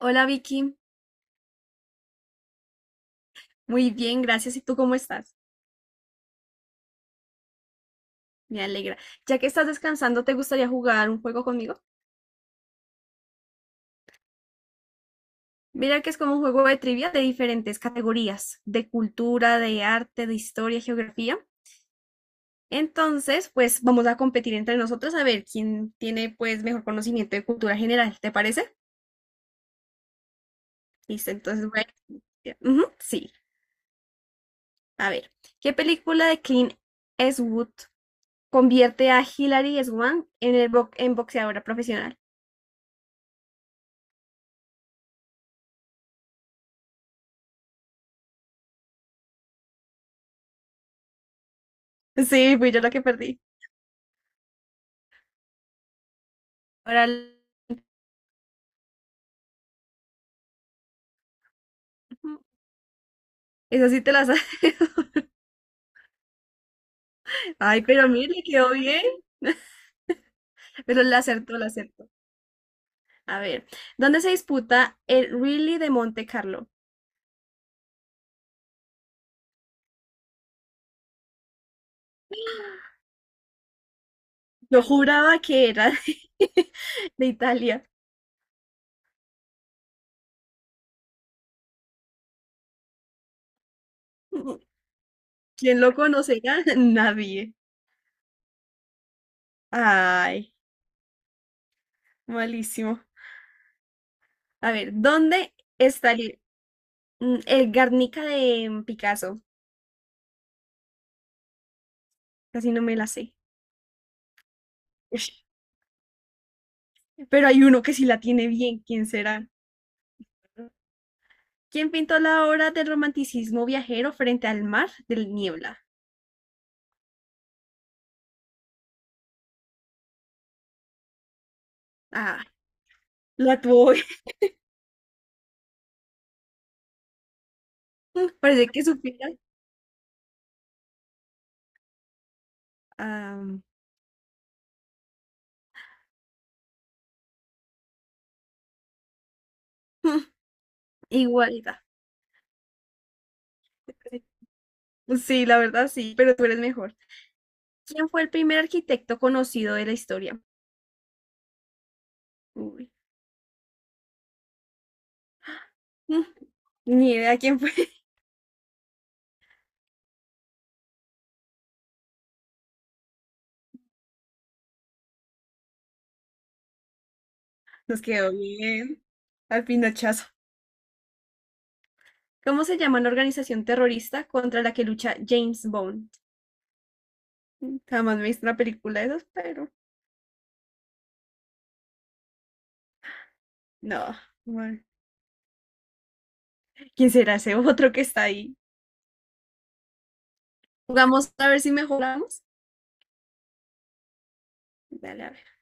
Hola Vicky, muy bien, gracias. ¿Y tú cómo estás? Me alegra. Ya que estás descansando, ¿te gustaría jugar un juego conmigo? Mira que es como un juego de trivia de diferentes categorías, de cultura, de arte, de historia, geografía. Entonces, pues vamos a competir entre nosotros a ver quién tiene pues mejor conocimiento de cultura general, ¿te parece? Listo, entonces voy a... Ujú, sí, a ver. ¿Qué película de Clint Eastwood convierte a Hilary Swank en, en boxeadora profesional? Sí, fui yo la que perdí. Órale. Esa sí te la sabes. Ay, pero mire, le quedó bien. Pero la acertó, la acertó. A ver, ¿dónde se disputa el Rally de Monte Carlo? Yo juraba que era de, de Italia. ¿Quién lo conocerá? Nadie. Ay, malísimo. A ver, ¿dónde está el Guernica de Picasso? Casi no me la sé. Ush, pero hay uno que sí la tiene bien. ¿Quién será? ¿Quién pintó la obra del romanticismo viajero frente al mar del Niebla? Ah, la tuvo bien. Parece que supiera. Ah, igualdad. Sí, la verdad sí, pero tú eres mejor. ¿Quién fue el primer arquitecto conocido de la historia? Uy, mm, ni idea quién fue. Nos quedó bien. Al pinochazo. ¿Cómo se llama la organización terrorista contra la que lucha James Bond? Jamás me he visto una película de esas, pero no. Bueno. ¿Quién será ese otro que está ahí? Jugamos a ver si mejoramos. Dale, a ver.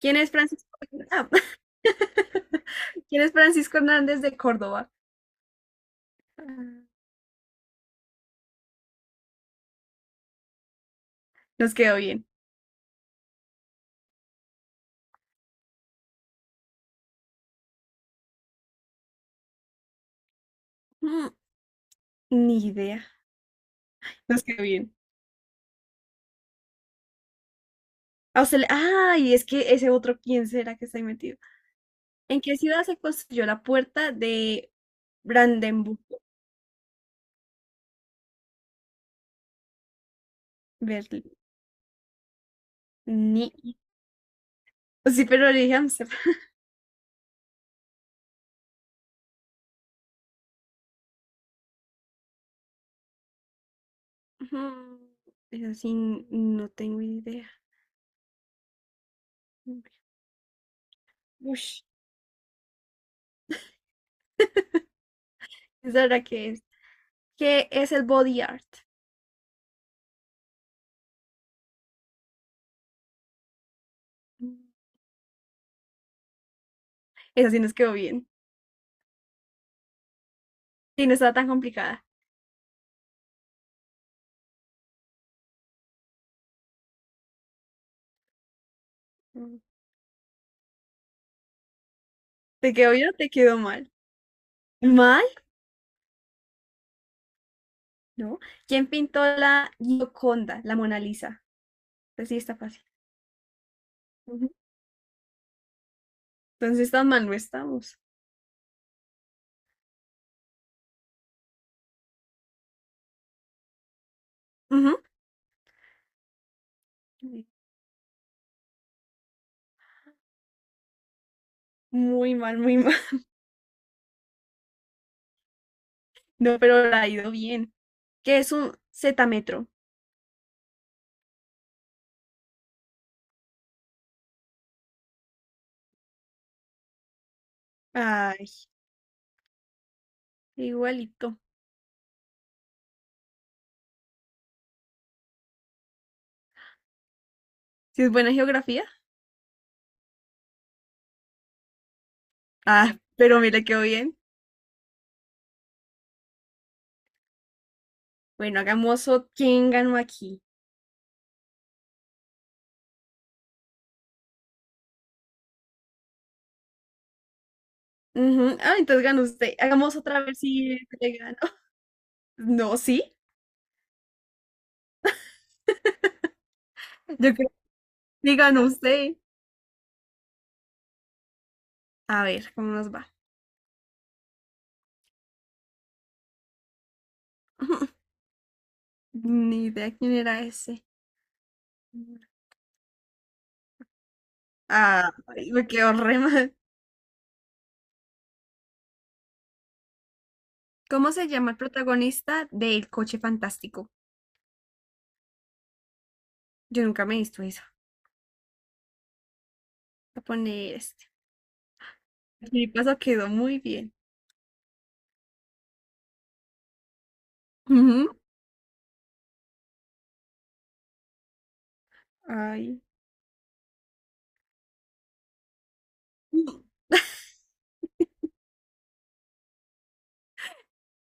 ¿Quién es Francisco? Ah. ¿Quién es Francisco Hernández de Córdoba? Nos quedó bien. Mm, Ni idea. Nos quedó bien. Ah, ay, es que ese otro, ¿quién será que está ahí metido? ¿En qué ciudad se construyó la puerta de Brandenburgo? Berlín. Ni... Sí, pero le dije Ámsterdam. Mm, Eso sí, no tengo idea. Ush, esa era que es. ¿Qué es el body art? Esa sí nos quedó bien. Sí, no estaba tan complicada. Mm. ¿Te quedó bien o te quedó mal? ¿Mal? ¿No? ¿Quién pintó la Gioconda, la Mona Lisa? Pues sí, está fácil. Ujú. Entonces tan mal no estamos. Ujú. Sí. Muy mal, muy mal. No, pero la ha ido bien. ¿Qué es un zetámetro? Ay, igualito. ¿Si es buena geografía? Ah, pero mira, quedó bien. Bueno, hagamos otro. ¿Quién ganó aquí? Ujú. Ah, entonces ganó usted. Hagamos otra vez si le ganó. No, sí. Yo creo. Digan usted. A ver, ¿cómo nos va? Ni idea quién era ese. Ah, me quedó re mal. ¿Cómo se llama el protagonista del coche fantástico? Yo nunca me he visto eso. Voy a poner este. Mi paso quedó muy bien. Ujú. Ay.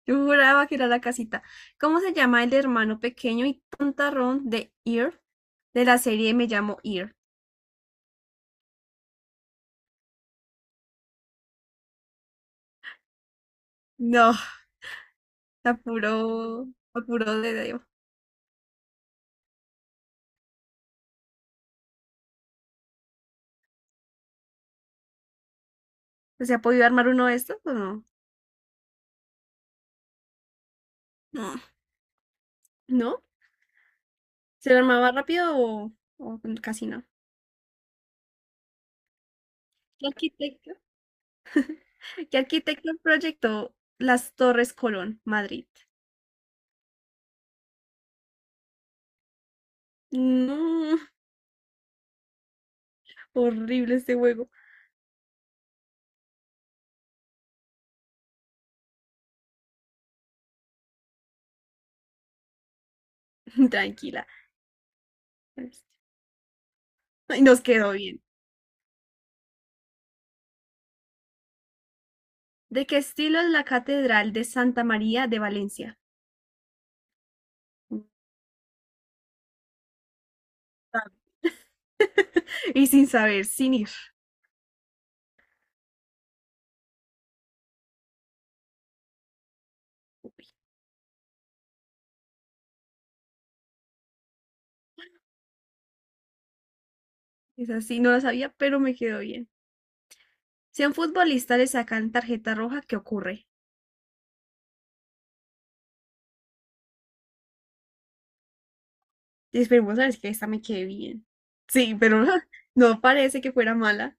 Yo juraba que era la casita. ¿Cómo se llama el hermano pequeño y tontarrón de Ear? De la serie Me llamo Ear. No, apuró apuró de Dios. ¿Se ha podido armar uno de estos o no? No. ¿No? ¿Se lo armaba rápido o casi no? ¿Qué arquitecto? ¿Qué arquitecto proyectó las Torres Colón, Madrid? No, horrible este juego. Tranquila. Ay, nos quedó bien. ¿De qué estilo es la Catedral de Santa María de Valencia? Y sin saber, sin ir. Es así, no lo sabía, pero me quedó bien. Si a un futbolista le sacan tarjeta roja, ¿qué ocurre? Y esperemos a ver si esta me quede bien. Sí, pero no parece que fuera mala.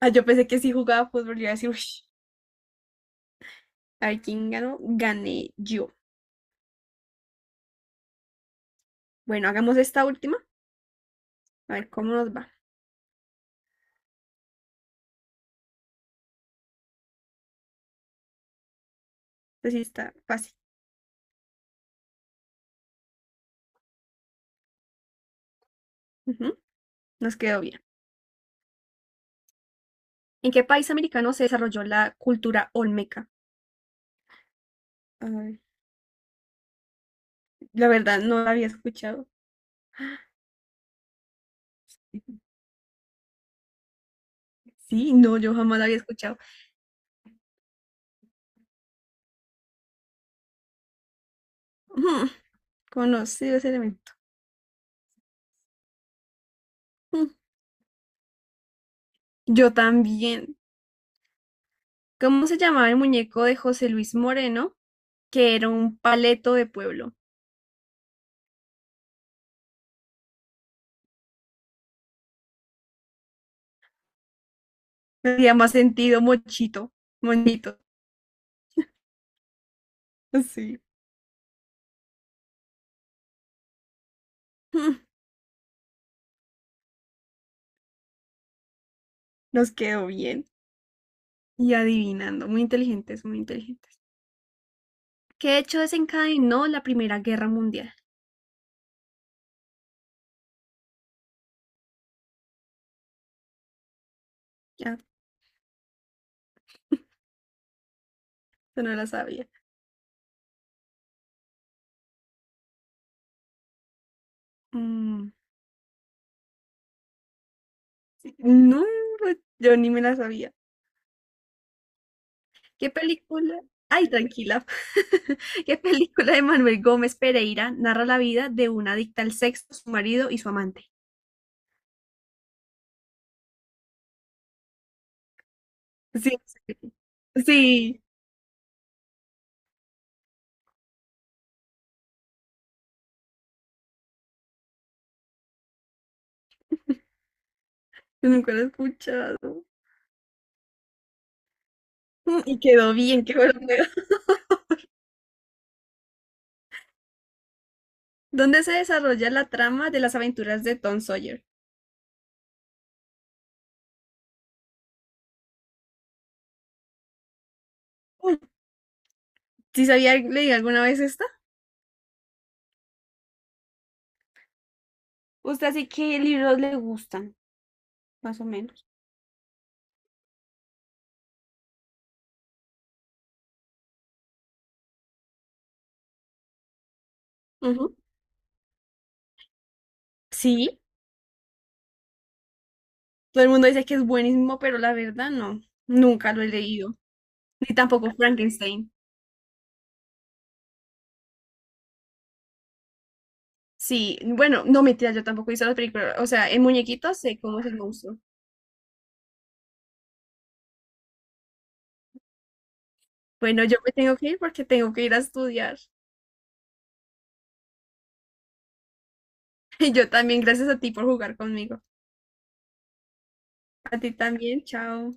Ah, yo pensé que si jugaba fútbol, yo iba a decir, uy, a ver quién ganó, gané yo. Bueno, hagamos esta última, a ver cómo nos va. Así está fácil. Ujú, nos quedó bien. ¿En qué país americano se desarrolló la cultura olmeca? Ay, la verdad, no la había escuchado. Sí, no, yo jamás la había escuchado. Ujú, conocido ese elemento. Ujú, yo también. ¿Cómo se llamaba el muñeco de José Luis Moreno? Que era un paleto de pueblo. Tenía más sentido, mochito, moñito. Sí. Mm, nos quedó bien. Y adivinando, muy inteligentes, muy inteligentes. ¿Qué hecho desencadenó la Primera Guerra Mundial? Ya, yo no la sabía. Mm, no, yo ni me la sabía. ¿Qué película? Ay, tranquila. ¿Qué película de Manuel Gómez Pereira narra la vida de una adicta al sexo, su marido y su amante? Sí, sí, sí, yo nunca la he escuchado. Y quedó bien, qué bueno. ¿Dónde se desarrolla la trama de las aventuras de Tom Sawyer? ¿Sí sabía leí alguna vez esta? ¿Usted sí qué libros le gustan, más o menos? Ujú. Sí, todo el mundo dice que es buenísimo, pero la verdad no, nunca lo he leído, ni tampoco Frankenstein. Sí, bueno, no mentira, yo tampoco he visto las películas, o sea, en muñequitos sé cómo es el monstruo. Bueno, yo me tengo que ir porque tengo que ir a estudiar. Y yo también, gracias a ti por jugar conmigo. A ti también, chao.